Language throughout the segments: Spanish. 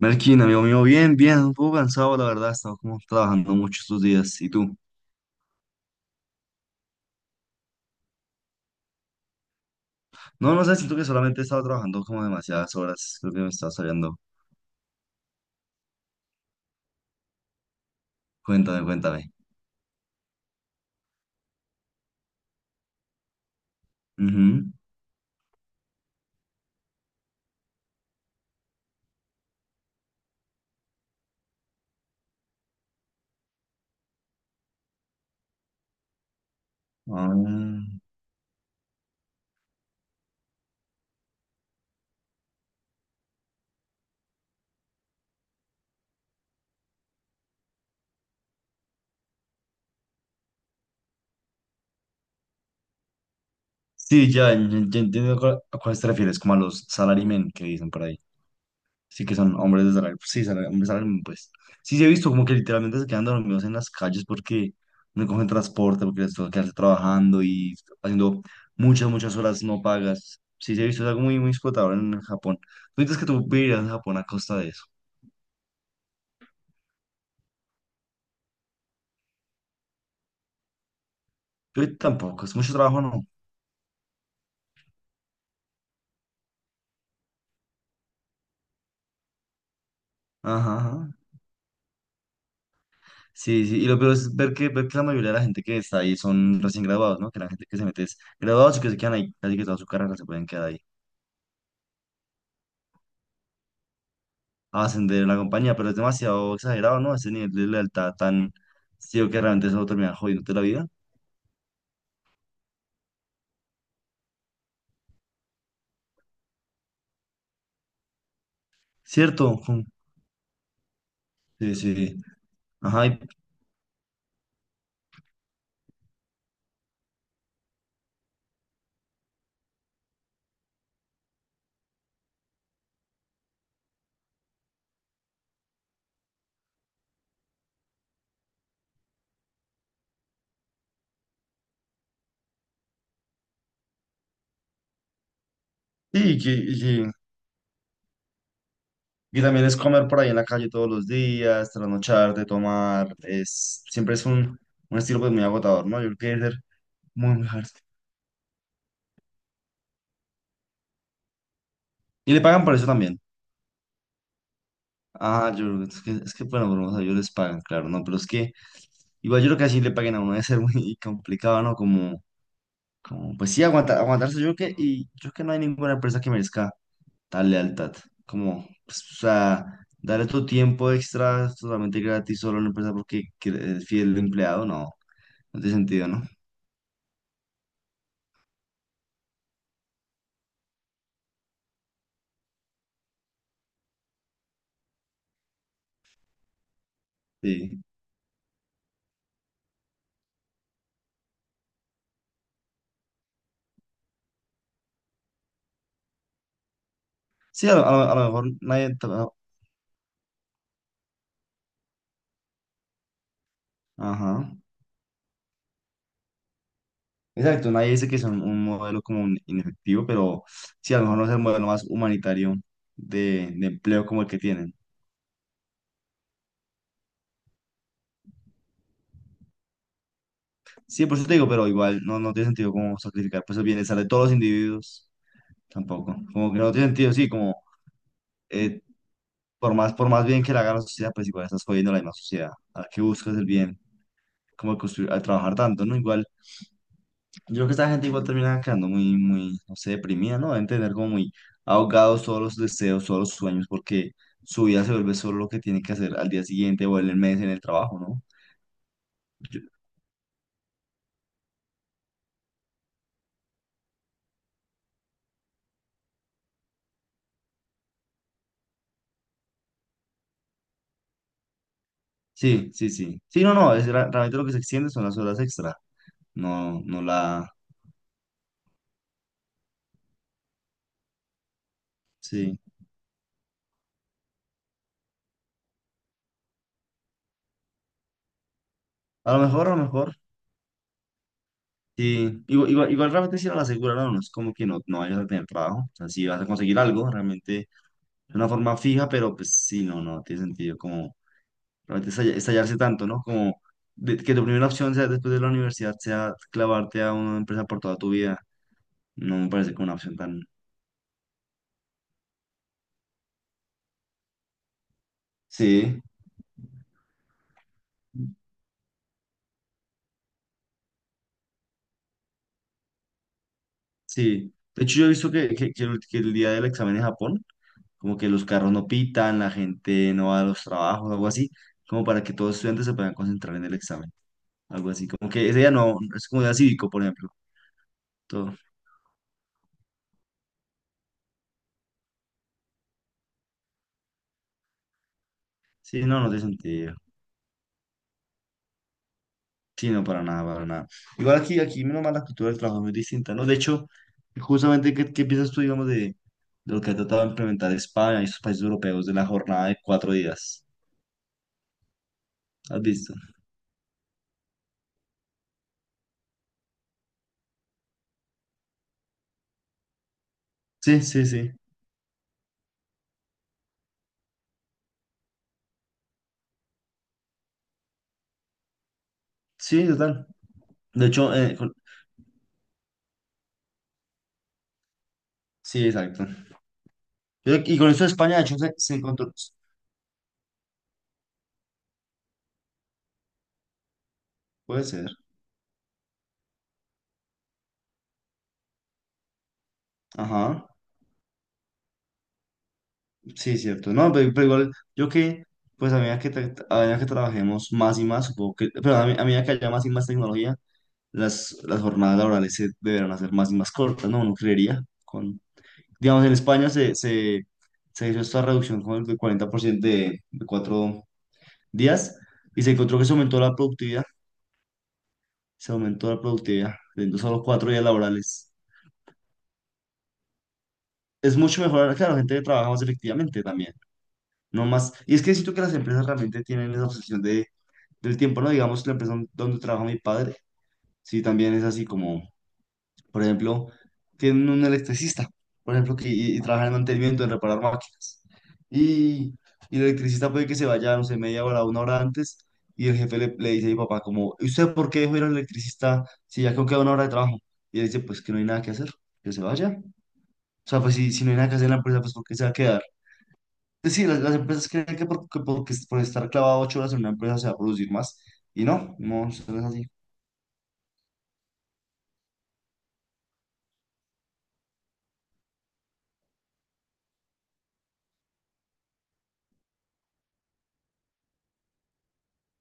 Melkin, amigo mío, bien, bien, un poco cansado, la verdad, he estado como trabajando mucho estos días. ¿Y tú? No, no sé, siento que solamente he estado trabajando como demasiadas horas, creo que me estás saliendo. Cuéntame, cuéntame. Ujú. Ah, sí, ya, ya, ya entiendo a cuáles te refieres, como a los salarymen que dicen por ahí. Sí, que son hombres de salario. Sí, hombres salario, mínimo, pues. Sí, sí, he visto como que literalmente se quedan dormidos en las calles porque no cogen transporte, porque les toca quedarse trabajando y haciendo muchas, muchas horas no pagas. Sí, sí, he visto, es algo muy, muy explotador en Japón. Tú dices que tú vivirías en Japón a costa de eso. Yo tampoco, es mucho trabajo, no. Ajá, ajá. Sí, sí, y lo peor es ver que la mayoría de la gente que está ahí son recién graduados, ¿no? Que la gente que se mete es graduados y que se quedan ahí, casi que toda su carrera se pueden quedar ahí. A ascender en la compañía, pero es demasiado exagerado, ¿no? Ese nivel de lealtad tan ciego que realmente eso termina jodiéndote la vida. ¿Cierto? Jum, sí, sí. Ajá, y, que- y que- y también es comer por ahí en la calle todos los días, trasnocharte, tomar, es, siempre es un estilo pues muy agotador, ¿no? Yo creo que debe ser muy, muy hard. Y le pagan por eso también. Ah, yo creo que es que, bueno, pero, o sea, ellos les pagan, claro, ¿no? Pero es que igual yo creo que así le paguen a uno debe ser muy complicado, ¿no? Como Como, pues sí, aguantarse yo creo que, y yo creo que no hay ninguna empresa que merezca tal lealtad. Como, pues, o sea, darle tu tiempo extra totalmente gratis solo a una empresa es fiel empleado, no, no tiene sentido, ¿no? Sí, a lo mejor nadie, tra- ajá, exacto, nadie dice que es un modelo como un inefectivo, pero sí, a lo mejor no es el modelo más humanitario de empleo como el que tienen. Sí, por eso te digo, pero igual no, no tiene sentido como sacrificar pues el bienestar de todos los individuos. Tampoco. Como que no tiene sentido, sí, como, eh, por más bien que le haga la sociedad, pues igual estás jodiendo la misma sociedad. A la que buscas el bien, como de construir, al trabajar tanto, ¿no? Igual, yo creo que esta gente igual termina quedando muy, muy, no sé, deprimida, ¿no? Deben tener como muy ahogados todos los deseos, todos los sueños, porque su vida se vuelve solo lo que tiene que hacer al día siguiente o en el mes en el trabajo, ¿no? Yo- sí, sí, sí. Sí, no, no, es, realmente lo que se extiende son las horas extra, no, no la... Sí. A lo mejor, a lo mejor. Sí, igual, igual, igual realmente sí la aseguraron, no. No es como que no, no vayas a tener trabajo, o sea, si vas a conseguir algo, realmente de una forma fija, pero pues sí, no, no tiene sentido como realmente estallarse tanto, ¿no? Como que tu primera opción sea después de la universidad, sea clavarte a una empresa por toda tu vida, no me parece como una opción tan... Sí. Sí, de hecho yo he visto que el día del examen en Japón, como que los carros no pitan, la gente no va a los trabajos, algo así, como para que todos los estudiantes se puedan concentrar en el examen, algo así, como que ese día no, es como día cívico, por ejemplo, todo. Sí, no, no tiene sentido. Sí, no, para nada, para nada. Igual aquí, aquí, menos mal, la cultura del trabajo es muy distinta, ¿no? De hecho, justamente, ¿qué piensas tú, digamos, de, lo que ha tratado de implementar España y sus países europeos de la jornada de 4 días? ¿Has visto? Sí, sí, sí. Sí, total. De hecho, sí, exacto. Y con esto de España, de hecho, se encontró. Puede ser. Ajá. Sí, cierto. No, pero igual, pues a medida a medida que trabajemos más y más, supongo que, pero a medida que haya más y más tecnología, las jornadas laborales se deberán hacer más y más cortas, ¿no? Uno creería. Con, digamos, en España se hizo esta reducción con el del 40% de 4 días y se encontró que se aumentó la productividad. Se aumentó la productividad, teniendo solo 4 días laborales. Es mucho mejor, claro, gente que trabaja más efectivamente también, no más. Y es que siento que las empresas realmente tienen esa obsesión del tiempo, ¿no? Digamos, la empresa donde trabaja mi padre, sí, también es así como, por ejemplo, tienen un electricista, por ejemplo, que y trabaja en mantenimiento, en reparar máquinas. Y, y el electricista puede que se vaya, no sé, media hora, una hora antes, y el jefe le dice a mi papá, como, ¿y usted por qué dejó ir al electricista si ya creo que queda una hora de trabajo? Y él dice, pues que no hay nada que hacer, que se vaya. O sea, pues si, si no hay nada que hacer en la empresa, pues ¿por qué se va a quedar? Pues sí, las empresas creen que que por estar clavado 8 horas en una empresa se va a producir más. Y no, no, eso no es así.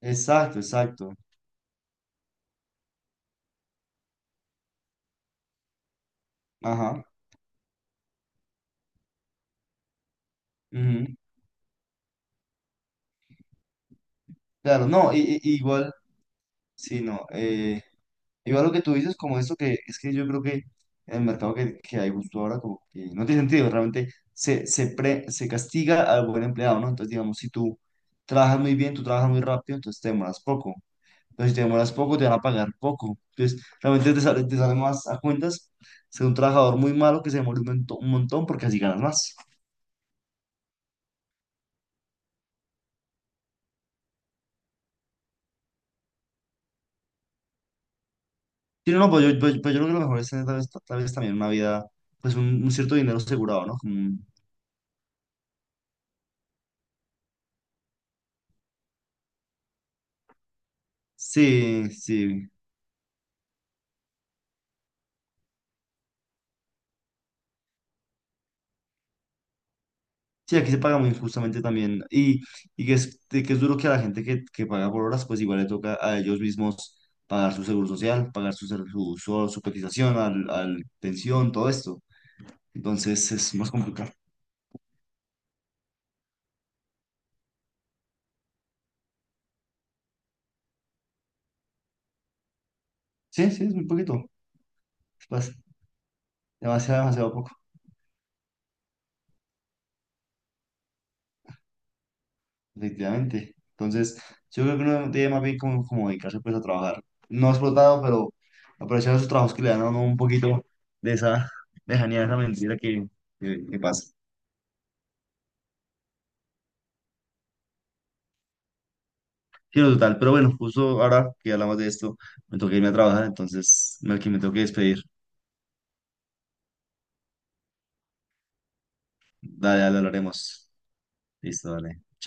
Exacto, exacto. Ajá. Ujú. Claro, no, igual, sí, no. Igual lo que tú dices, como esto que es que yo creo que el mercado que hay justo ahora, como que no tiene sentido, realmente se castiga al buen empleado, ¿no? Entonces, digamos, si tú trabajas muy bien, tú trabajas muy rápido, entonces te demoras poco. Pero si te demoras poco, te van a pagar poco. Entonces, realmente te sale más a cuentas ser un trabajador muy malo que se demore un montón porque así ganas más. Sí, no, no, pues yo, pues yo creo que lo mejor es tener tal vez también una vida, pues un cierto dinero asegurado, ¿no? Como un, sí, sí. Sí, aquí se paga muy injustamente también. Que es, duro que a la gente que paga por horas, pues igual le toca a ellos mismos pagar su seguro social, pagar su, ser- su cotización al pensión, todo esto. Entonces es más complicado. Sí, sí, es muy poquito. Es bas- demasiado, demasiado poco, efectivamente. Entonces, yo creo que uno debe más bien como, como dedicarse pues a trabajar. No explotado, pero aprovechar esos trabajos que le dan a uno un poquito de esa lejanía, de esa mentira que pasa. Sí, no, total, pero bueno, justo ahora que hablamos de esto, me toca irme a trabajar, entonces, que me tengo que despedir. Dale, dale, hablaremos. Listo, dale.